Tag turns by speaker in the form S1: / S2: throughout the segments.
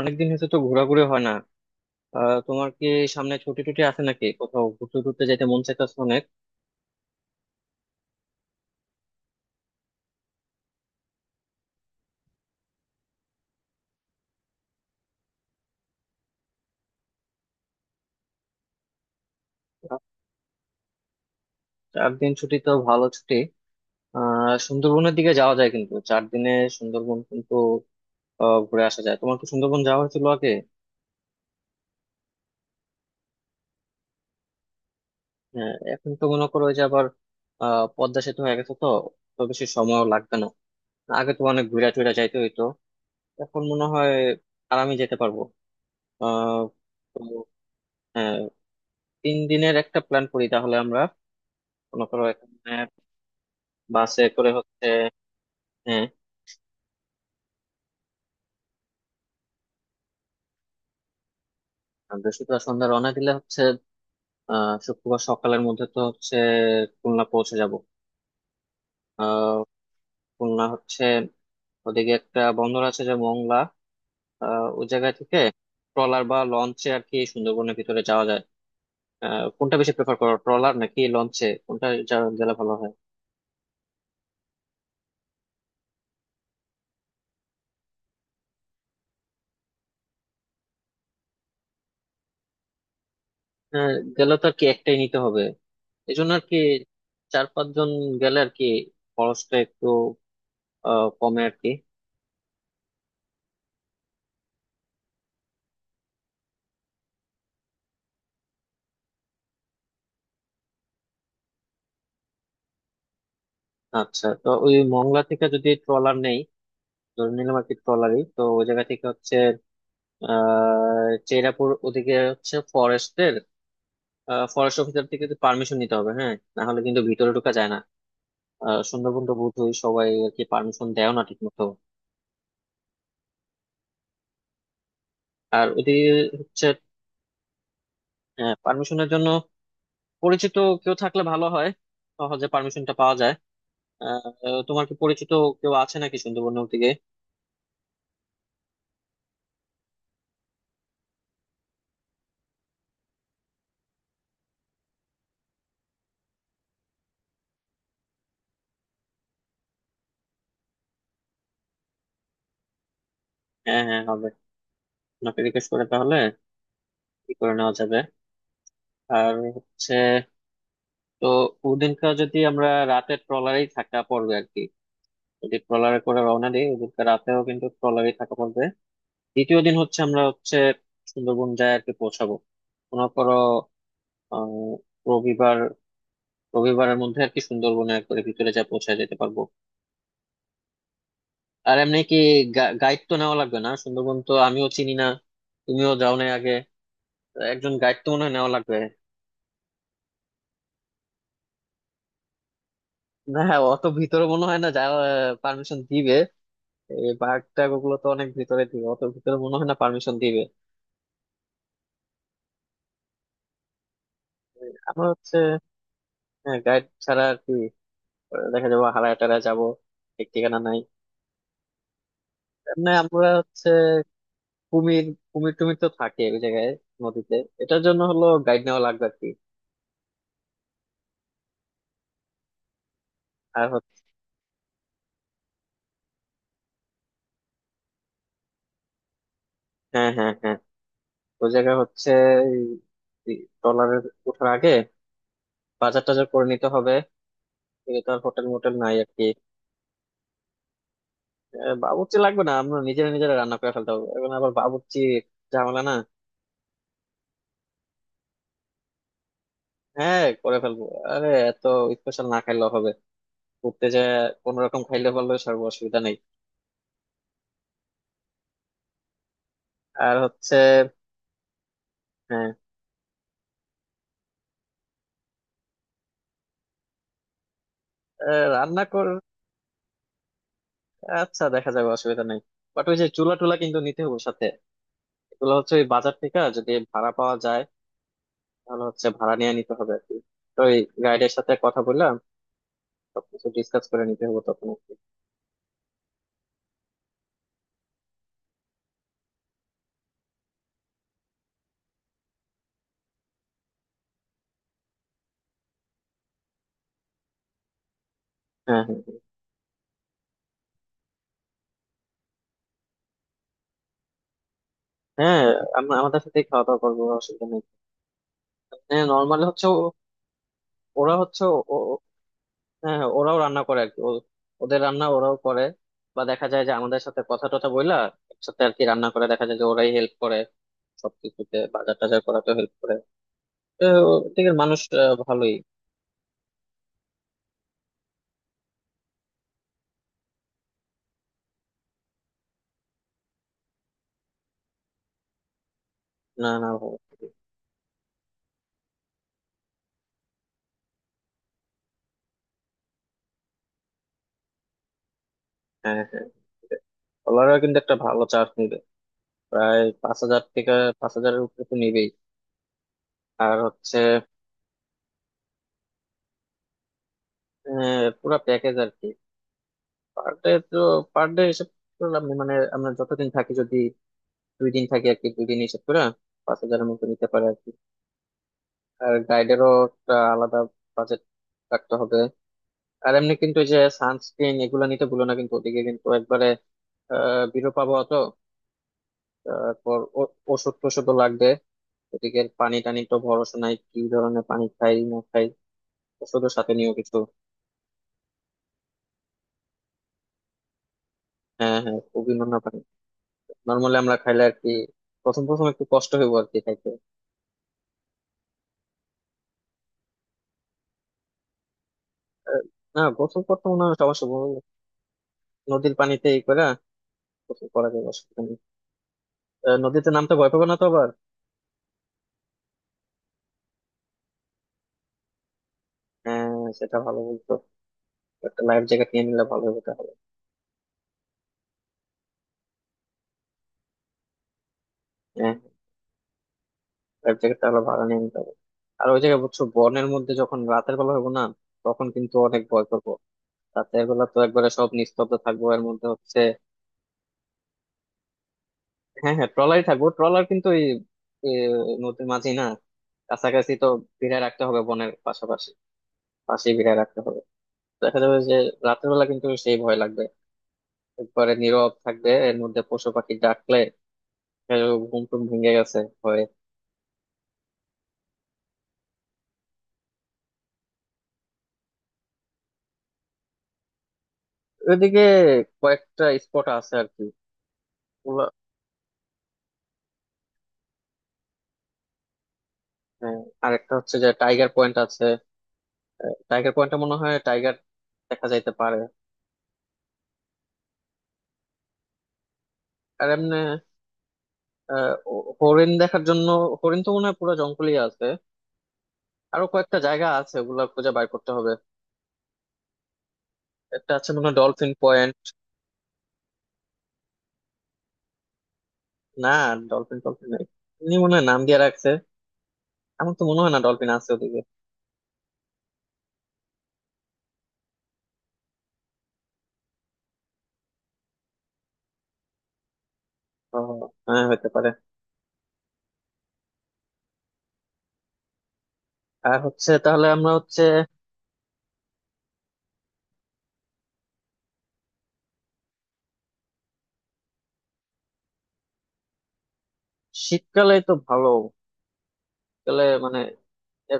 S1: অনেকদিন হয়েছে তো ঘোরাঘুরি হয় না। তোমার কি সামনে ছুটি টুটি আছে নাকি কোথাও ঘুরতে টুরতে যেতে মন চাইতেছে অনেক। আহ, 4 দিন ছুটি তো ভালো ছুটি। সুন্দরবনের দিকে যাওয়া যায় কিন্তু 4 দিনে সুন্দরবন কিন্তু ঘুরে আসা যায়। তোমার কি সুন্দরবন যাওয়া হয়েছিল আগে? হ্যাঁ, এখন তো মনে করো ওই যে আবার পদ্মা সেতু হয়ে গেছে তো, তো বেশি সময়ও লাগবে না। আগে তো অনেক ঘুরে টুরে যাইতে হইতো, এখন মনে হয় আরামে যেতে পারবো। আহ তো হ্যাঁ, 3 দিনের একটা প্ল্যান করি তাহলে আমরা। মনে করো এখানে বাসে করে হচ্ছে। হ্যাঁ, আর বৃহস্পতিবার সন্ধ্যা রওনা দিলে হচ্ছে শুক্রবার সকালের মধ্যে তো হচ্ছে খুলনা পৌঁছে যাব। আহ খুলনা হচ্ছে ওদিকে একটা বন্দর আছে যে মংলা, ওই জায়গা থেকে ট্রলার বা লঞ্চে আর কি সুন্দরবনের ভিতরে যাওয়া যায়। কোনটা বেশি প্রেফার করো, ট্রলার নাকি লঞ্চে, কোনটা গেলে ভালো হয়? হ্যাঁ, গেলে তো আর কি একটাই নিতে হবে। এই জন্য আর কি চার পাঁচজন গেলে আর কি খরচটা একটু কমে আর কি। আচ্ছা, তো ওই মংলা থেকে যদি ট্রলার নেই, ধরে নিলাম আর কি ট্রলারই তো ওই জায়গা থেকে হচ্ছে। আহ চেরাপুর ওদিকে হচ্ছে ফরেস্টের, ফরেস্ট অফিসার থেকে পারমিশন নিতে হবে, হ্যাঁ না হলে কিন্তু ভিতরে ঢোকা যায় না। সুন্দরবন তো বোধহয় সবাই আর কি পারমিশন দেয় না ঠিক মতো। আর ওদিকে হচ্ছে পারমিশনের জন্য পরিচিত কেউ থাকলে ভালো হয়, সহজে পারমিশনটা পাওয়া যায়। আহ, তোমার কি পরিচিত কেউ আছে নাকি সুন্দরবনের দিকে? হ্যাঁ হ্যাঁ হবে। আপনাকে জিজ্ঞেস করে তাহলে কি করে নেওয়া যাবে। আর হচ্ছে তো ওদিনকার যদি আমরা রাতে ট্রলারেই থাকা পড়বে আর কি, যদি ট্রলারে করে রওনা দিই ওদিনকার রাতেও কিন্তু ট্রলারেই থাকা পড়বে। দ্বিতীয় দিন হচ্ছে আমরা হচ্ছে সুন্দরবন যায় আর কি পৌঁছাবো। মনে করো আহ রবিবার, রবিবারের মধ্যে আর কি সুন্দরবনে একবারে ভিতরে যা পৌঁছায় যেতে পারবো। আর এমনি কি গাইড তো নেওয়া লাগবে না? সুন্দরবন তো আমিও চিনি না, তুমিও যাও নাই আগে, একজন গাইড তো মনে হয় নেওয়া লাগবে। না হ্যাঁ, অত ভিতরে মনে হয় না যাওয়া পারমিশন দিবে, এই পার্ক টার্ক ওগুলো তো অনেক ভিতরে দিবে, অত ভিতরে মনে হয় না পারমিশন দিবে। আমরা হচ্ছে গাইড ছাড়া আর কি দেখা যাবো হারায় টারায় যাবো, ঠিক ঠিকানা নাই। না আমরা হচ্ছে কুমির কুমির টুমির তো থাকে ওই জায়গায় নদীতে, এটার জন্য হলো গাইড নেওয়া লাগবে আর কি। আর হচ্ছে হ্যাঁ হ্যাঁ হ্যাঁ, ওই জায়গায় হচ্ছে ট্রলারে ওঠার আগে বাজার টাজার করে নিতে হবে, এগুলো তো আর হোটেল মোটেল নাই আর কি। বাবুর্চি লাগবে না, আমরা নিজেরা নিজেরা রান্না করে ফেলতে হবে, এখন আবার বাবুর্চি ঝামেলা না। হ্যাঁ করে ফেলবো, আরে এত স্পেশাল না খাইলেও হবে, ঘুরতে যায় কোন রকম খাইলে পারলেও সর্ব অসুবিধা নেই। আর হচ্ছে হ্যাঁ, রান্না কর আচ্ছা দেখা যাবে অসুবিধা নেই। বাট ওই যে চুলা টুলা কিন্তু নিতে হবে সাথে, এগুলো হচ্ছে ওই বাজার থেকে যদি ভাড়া পাওয়া যায় তাহলে হচ্ছে ভাড়া নিয়ে নিতে হবে আর কি। তো ওই গাইডের সাথে কথা বললাম সবকিছু ডিসকাস করে নিতে হবে তখন আর কি। হ্যাঁ হ্যাঁ হ্যাঁ, আমরা আমাদের সাথেই খাওয়া দাওয়া করবো, অসুবিধা নেই। হ্যাঁ নর্মালি হচ্ছে ওরা হচ্ছে, হ্যাঁ হ্যাঁ, ওরাও রান্না করে আর কি, ওদের রান্না ওরাও করে, বা দেখা যায় যে আমাদের সাথে কথা টথা বইলা একসাথে আর কি রান্না করে, দেখা যায় যে ওরাই হেল্প করে সবকিছুতে, বাজার টাজার করাতে হেল্প করে। তো ঠিক মানুষ ভালোই। না না ভালো, হ্যাঁ হ্যাঁ, ডলারও কিন্তু একটা ভালো চার্জ নিবে, প্রায় 5 হাজার থেকে 5 হাজারের উপরে তো নিবেই। আর হচ্ছে পুরো প্যাকেজ আর কি, পার ডে তো পার ডে হিসেব করলাম মানে আমরা যতদিন থাকি, যদি 2 দিন থাকি আর কি 2 দিন হিসেব করে 5 হাজারের মতো নিতে পারে আর কি। আর গাইডেরও একটা আলাদা বাজেট রাখতে হবে। আর এমনি কিন্তু এই যে সানস্ক্রিন এগুলো নিতে ভুলো না, কিন্তু ওদিকে কিন্তু একবারে বিরো পাবো তো। তারপর ওষুধ টষুধও লাগবে, ওদিকে পানি টানি তো ভরসা নাই, কি ধরনের পানি খাই না খাই, ওষুধের সাথে নিয়েও কিছু। হ্যাঁ হ্যাঁ, খুবই নোনা পানি নর্মালি আমরা খাইলে আর কি প্রথম প্রথম একটু কষ্ট হইব আর কি খাইতে। আহ, না, গোসল করতে মনে হয় সমস্যা হবে না। নদীর পানিতে এই করে গোসল করা যায়, অসুবিধা নেই। নদীতে নামতে ভয় পাবে না তো আবার? হ্যাঁ, সেটা ভালো বলতো, একটা লাইফ জ্যাকেট নিয়ে নিলে ভালো হবে তাহলে। হ্যাঁ, লাইফ জ্যাকেট তাহলে ভাড়া নিয়ে নিতে হবে। আর ওই জায়গায় বুঝছো বনের মধ্যে যখন রাতের বেলা হবো না তখন কিন্তু অনেক ভয় করবো। রাতের বেলা তো একবারে সব নিস্তব্ধ থাকবো এর মধ্যে হচ্ছে হ্যাঁ হ্যাঁ, ট্রলারই থাকবো, ট্রলার কিন্তু এই এ, নদীর মাঝেই না, কাছাকাছি তো ভিড়ায় রাখতে হবে বনের পাশাপাশি, পাশেই ভিড়ায় রাখতে হবে। দেখা যাবে যে রাতের বেলা কিন্তু সেই ভয় লাগবে, একবারে নীরব থাকবে এর মধ্যে পশু পাখি ডাকলে এ, ঘুম টুম ভেঙে গেছে ভয়ে। ওইদিকে কয়েকটা স্পট আছে আর কি, হ্যাঁ, আরেকটা হচ্ছে যে টাইগার পয়েন্ট আছে, টাইগার পয়েন্টে মনে হয় টাইগার দেখা যাইতে পারে। আর এমনি হরিণ দেখার জন্য হরিণ তো মনে হয় পুরো জঙ্গলই আছে। আরো কয়েকটা জায়গা আছে, ওগুলা খুঁজে বাইর করতে হবে, একটা আছে মনে হয় ডলফিন পয়েন্ট। না ডলফিন ডলফিন নেই, এমনি মনে হয় নাম দিয়ে রাখছে, আমার তো মনে হয় না ডলফিন আছে ওদিকে। ও, হ্যাঁ হতে পারে। আর হচ্ছে তাহলে আমরা হচ্ছে শীতকালে তো ভালো, শীতকালে মানে এ,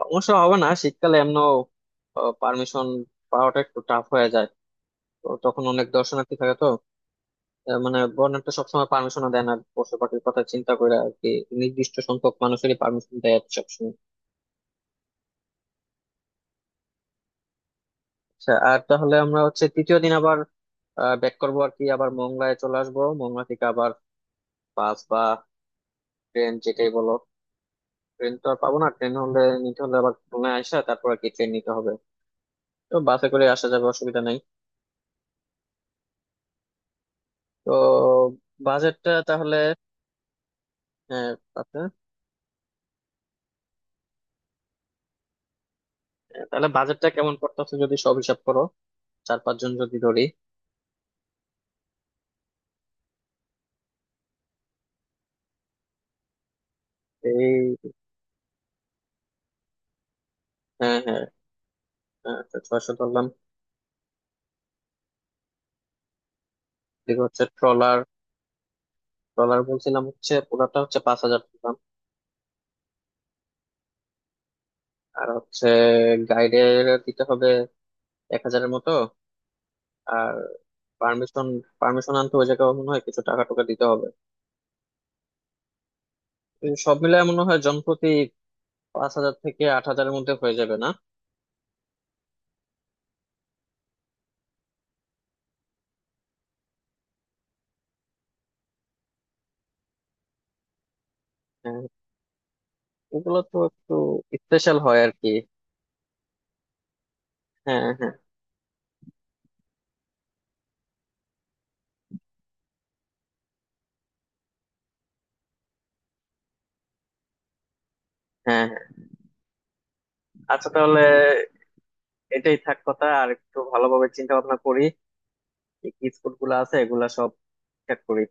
S1: সমস্যা হবে না, শীতকালে এমন পারমিশন পাওয়াটা একটু টাফ হয়ে যায়, তো তখন অনেক দর্শনার্থী থাকে তো। মানে বন্যাটা সবসময় পারমিশনও দেয় না পশু পাখির কথা চিন্তা করে আর কি, নির্দিষ্ট সংখ্যক মানুষেরই পারমিশন দেয় আর কি সবসময়। আচ্ছা, আর তাহলে আমরা হচ্ছে তৃতীয় দিন আবার ব্যাক করবো আর কি, আবার মংলায় চলে আসবো, মংলা থেকে আবার বাস বা ট্রেন যেটাই বলো। ট্রেন তো আর পাবো না, ট্রেন হলে নিতে হলে আবার খুলনায় আসা, তারপর আর কি ট্রেন নিতে হবে, তো বাসে করে আসা যাবে অসুবিধা নেই। তো বাজেটটা তাহলে আহ, আচ্ছা, তাহলে বাজেটটা কেমন পড়তেছে যদি সব হিসাব করো, চার পাঁচজন যদি ধরি। এই হ্যাঁ হ্যাঁ, হ্যাঁ তো 600 ধরলাম। এদিকে হচ্ছে ট্রলার, ট্রলার বলছিলাম হচ্ছে পুরাটা হচ্ছে 5 হাজার ধরলাম। আর হচ্ছে গাইডের দিতে হবে 1 হাজারের মতো। আর পারমিশন পারমিশন আনতে ওই জায়গায় মনে হয় কিছু টাকা টুকা দিতে হবে। এই সব মিলে মনে হয় জনপ্রতি 5 হাজার থেকে 8 হাজারের মধ্যে হয়ে যাবে না? হ্যাঁ, এগুলো তো একটু স্পেশাল হয় আর কি। হ্যাঁ হ্যাঁ হ্যাঁ হ্যাঁ। আচ্ছা তাহলে এটাই থাক কথা, আর একটু ভালোভাবে চিন্তা ভাবনা করি, কি স্কুল গুলো আছে এগুলা সব ঠিক করি।